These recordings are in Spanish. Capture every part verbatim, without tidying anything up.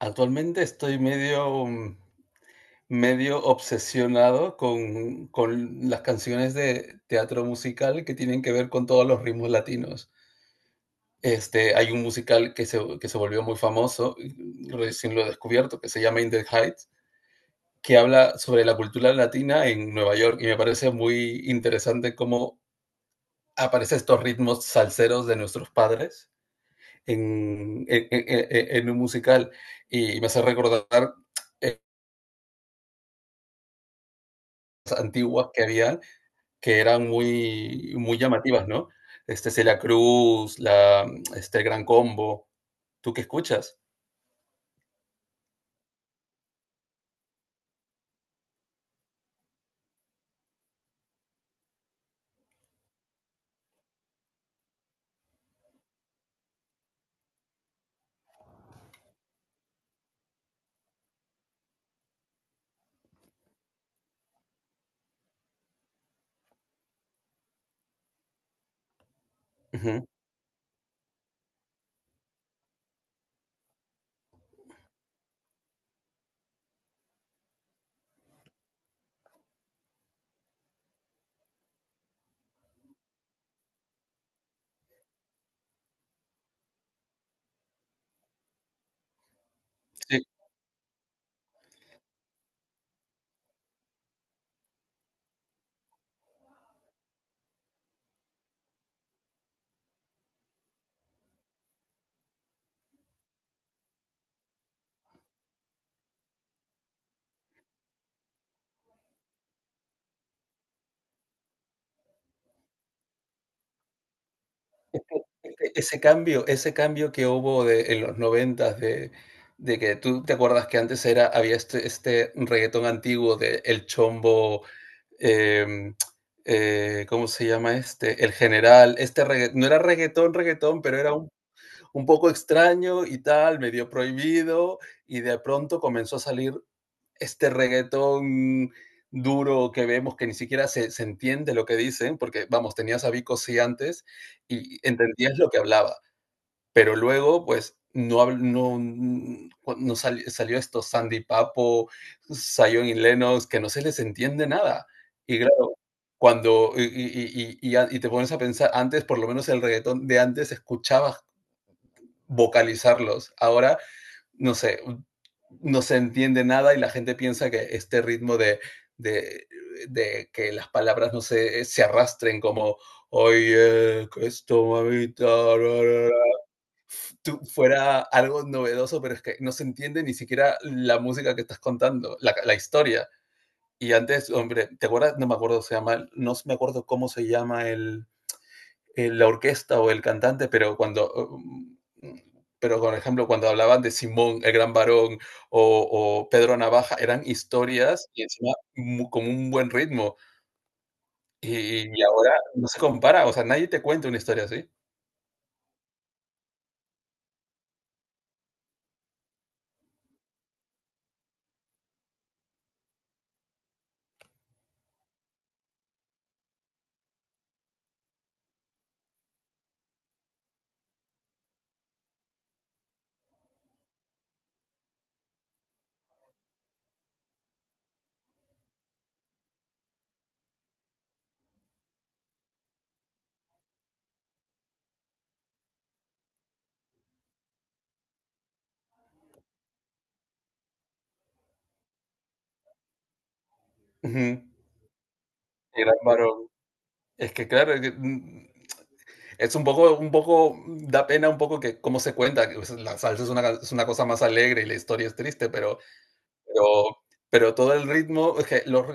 Actualmente estoy medio, mm, medio obsesionado con con las canciones de teatro musical que tienen que ver con todos los ritmos latinos. Este, hay un musical que se que se volvió muy famoso, y recién lo he descubierto, que se llama In the Heights, que habla sobre la cultura latina en Nueva York, y me parece muy interesante cómo aparecen estos ritmos salseros de nuestros padres en en en en en un musical, y me hace recordar épocas antiguas que había que eran muy, muy llamativas, ¿no? Este, Celia Cruz, la, este, el Gran Combo. ¿Tú qué escuchas? Ujú, sí. E- e- Ese cambio, ese cambio que hubo de, en los noventas de, de que tú te acuerdas que antes era, había este, este reggaetón antiguo de El Chombo, em, eh, ¿cómo se llama este? El General, este regga- no era reggaetón, reggaetón, pero era un, un poco extraño y tal, medio prohibido, y de pronto comenzó a salir este reggaetón duro que vemos que ni siquiera se, se entiende lo que dicen, porque vamos, tenías a Vico sí antes y entendías lo que hablaba, pero luego pues no, hab- no, no sal- salió esto Sandy Papo, Zion y Lennox, que no se les entiende nada. Y claro, cuando y, y- y- y a- y te pones a pensar, antes por lo menos el reggaetón de antes escuchabas vocalizarlos, ahora no sé, no se entiende nada y la gente piensa que este ritmo de, de, de que las palabras no se, se arrastren como, oye, que esto, mamita, bla, bla, bla", tú- fuera algo novedoso, pero es que no se entiende ni siquiera la música que estás contando, la, la historia. Y antes, hombre, ¿te acuerdas? No me acuerdo, se llama, no me acuerdo cómo se llama el, eh, la orquesta o el cantante, pero cuando, um, pero por ejemplo, cuando hablaban de Simón, el gran varón, o, o Pedro Navaja, eran historias y encima mu- con un buen ritmo. Y, y ahora no se compara, o sea, nadie te cuenta una historia así. Ujú. El gran varón. Es que claro, es que, mm, es un poco, un poco, da pena un poco que cómo se cuenta, que, pues, la salsa es una, ca- es una cosa más alegre y la historia es triste, pero Pero pero todo el ritmo, es que los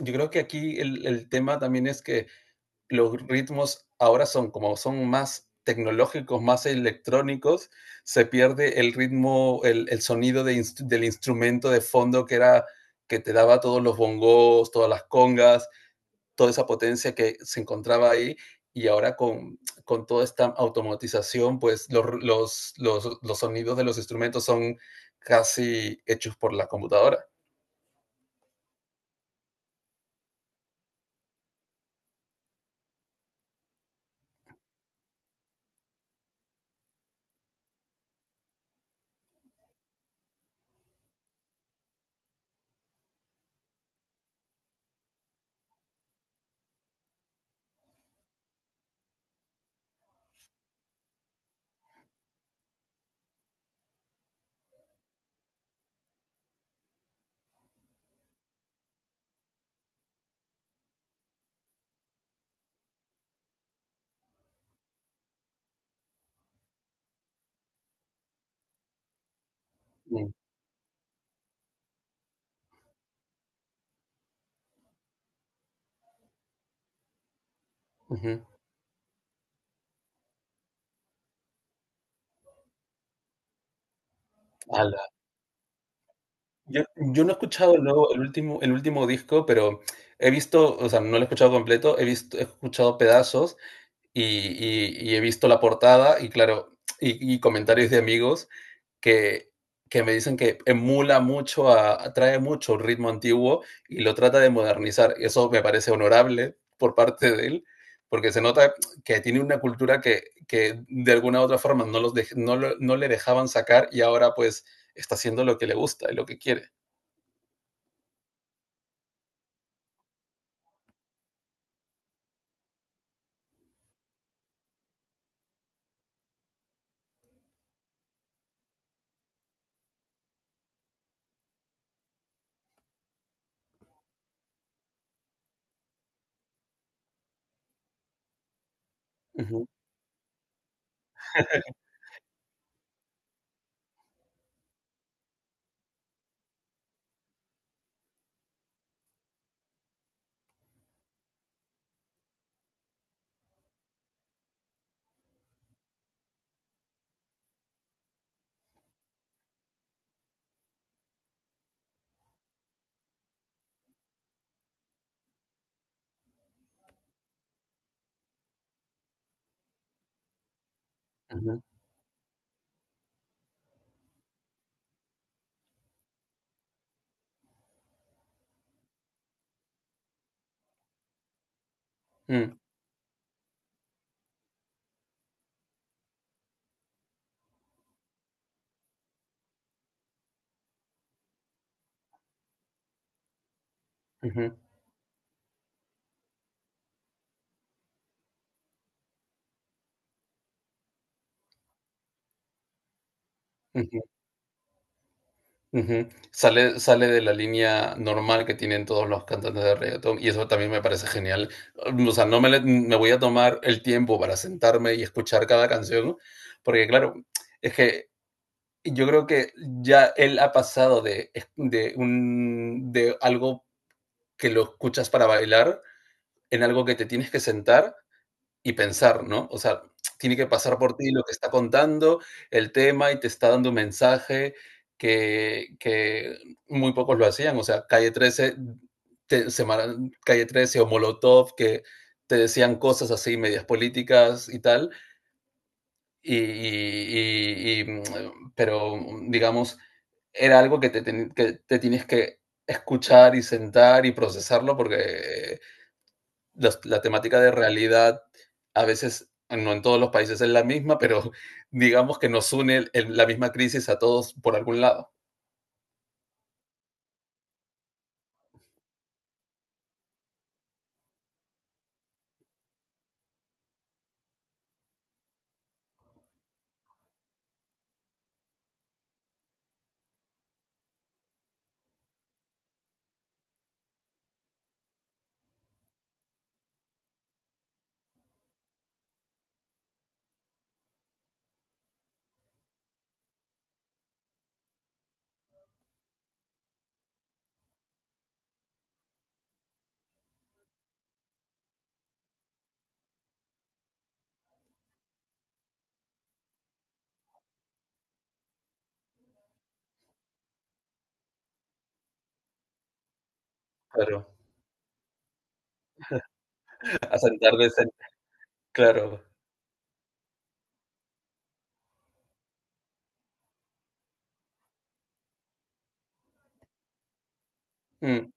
yo creo que aquí el el tema también es que los ritmos ahora son como son más tecnológicos, más electrónicos, se pierde el ritmo, el el sonido de ins del instrumento de fondo que era que te daba todos los bongos, todas las congas, toda esa potencia que se encontraba ahí. Y ahora con con toda esta automatización, pues los los los los sonidos de los instrumentos son casi hechos por la computadora. Mm, ujú. Ala. Yo yo no he escuchado luego el último el último disco, pero he visto, o sea, no lo he escuchado completo, he visto he escuchado pedazos y y y he visto la portada y claro, y y comentarios de amigos que, que me dicen que emula mucho, a, atrae mucho el ritmo antiguo y lo trata de modernizar. Eso me parece honorable por parte de él, porque se nota que tiene una cultura que, que de alguna u otra forma no, los de, no, lo, no le dejaban sacar y ahora pues está haciendo lo que le gusta y lo que quiere. Ujú. Ujú. Mm. Ujú. Ujú. Ujú. Sale, sale de la línea normal que tienen todos los cantantes de reggaetón y eso también me parece genial. Um, O sea, no me, le- me voy a tomar el tiempo para sentarme y escuchar cada canción, porque claro, es que yo creo que ya él ha pasado de, es- de, un, de algo que lo escuchas para bailar en algo que te tienes que sentar y pensar, ¿no? O sea, tiene que pasar por ti lo que está contando, el tema, y te está dando un mensaje que, que muy pocos lo hacían. O sea, Calle trece, te- Semana- Calle trece o Molotov, que te decían cosas así, medias políticas y tal. Y, y- y- y, mm, pero, mm, digamos, era algo que te, ten- que te tienes que escuchar y sentar y procesarlo porque eh, los- la temática de realidad a veces, no en todos los países es la misma, pero digamos que nos une el- el- la misma crisis a todos por algún lado. Claro, a sentar de sen- claro. Mm,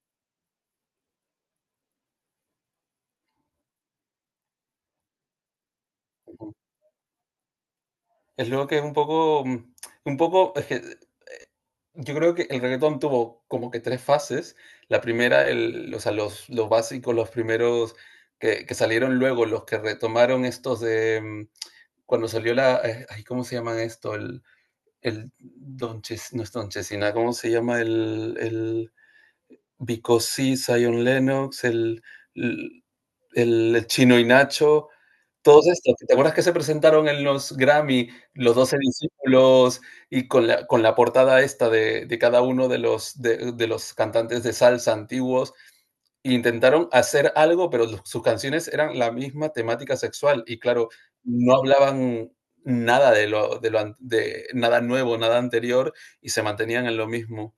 Es lo que es un poco, mm, un poco, es que yo creo que el reggaetón tuvo como que tres fases. La primera, el, o sea, los, los básicos, los primeros que, que salieron luego, los que retomaron estos de mm, cuando salió la, eh, ay, ¿cómo se llaman esto? El, El Don Ches- no es Don Chesina, ¿cómo se llama? El, el Bicosí, Zion Lennox, el, el, el Chino y Nacho, todos estos. ¿Te acuerdas que se presentaron en los Grammy, los doce discípulos, y con la, con la portada esta de, de cada uno de los, de, de los cantantes de salsa antiguos? Intentaron hacer algo, pero sus canciones eran la misma temática sexual y claro, no hablaban nada de lo, de lo de nada nuevo, nada anterior y se mantenían en lo mismo,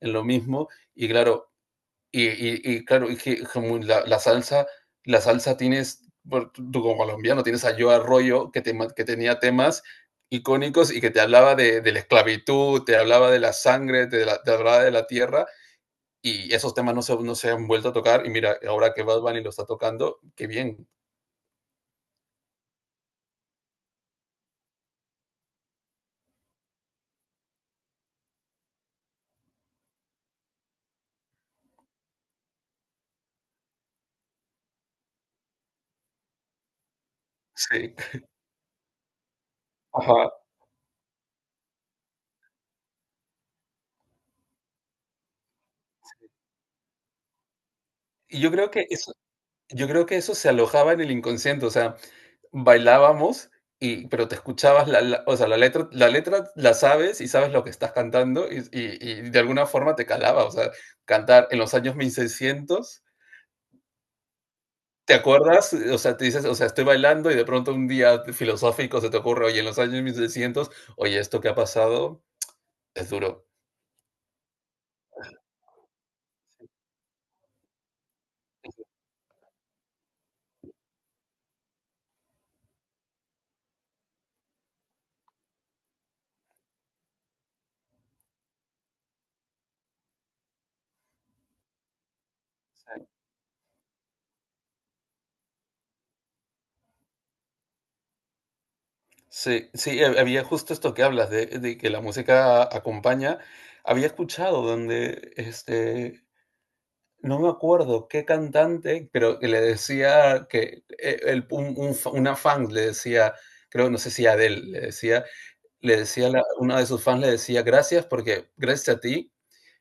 en lo mismo y claro, y, y- y claro, y que como la, la salsa, la salsa tienes, por- tú como colombiano tienes a Yo Arroyo que, tema- que tenía temas icónicos y que te hablaba de, de la esclavitud, te hablaba de la sangre, te, la- te hablaba de la tierra y esos temas no se, no se han vuelto a tocar. Y mira, ahora que Bad Bunny lo está tocando, qué bien. Sí. Ajá. Y yo creo que eso, yo creo que eso se alojaba en el inconsciente. O sea, bailábamos, y, pero te escuchabas la, la- o sea, la letra, la letra la sabes y sabes lo que estás cantando y, y- y de alguna forma te calaba. O sea, cantar en los años mil seiscientos. ¿Te acuerdas? O sea, te dices, o sea, estoy bailando y de pronto un día filosófico se te ocurre, oye, en los años mil seiscientos oye, esto que ha pasado es duro. Sí, sí, ha- había justo esto que hablas de, de que la música acompaña. Había escuchado donde, este, no me acuerdo qué cantante, pero que le decía que eh, el, un- un fa- una fan le decía, creo, no sé si Adele, le decía, le decía, la- una de sus fans le decía, gracias porque gracias a ti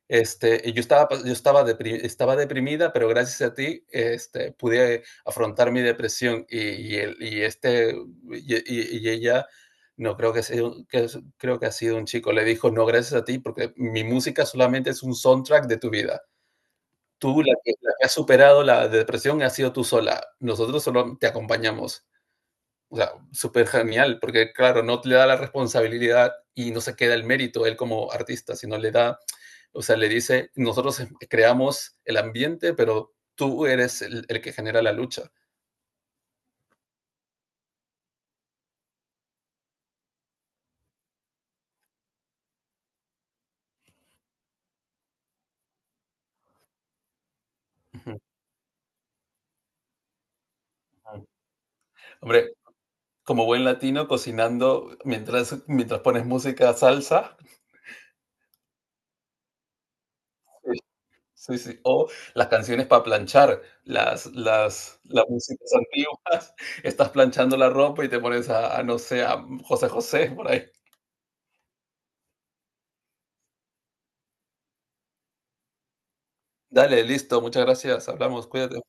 este, yo estaba, yo estaba, depri- estaba deprimida, pero gracias a ti este, pude afrontar mi depresión y, y el- y este, y, y- y ella, no creo que, sea, un- que es- creo que ha sido un chico, le dijo, no, gracias a ti, porque mi música solamente es un soundtrack de tu vida. Tú, la que, la que has superado la depresión, has sido tú sola. Nosotros solo te acompañamos. O sea, súper genial, porque claro, no te le da la responsabilidad y no se queda el mérito él como artista, sino le da o sea, le dice, nosotros creamos el ambiente, pero tú eres el, el que genera la lucha. Uh-huh. Hombre, como buen latino, cocinando mientras, mientras pones música salsa. Sí, sí. O las canciones para planchar, las, las, las músicas antiguas. Estás planchando la ropa y te pones a, a, no sé, a José José por ahí. Dale, listo, muchas gracias. Hablamos, cuídate.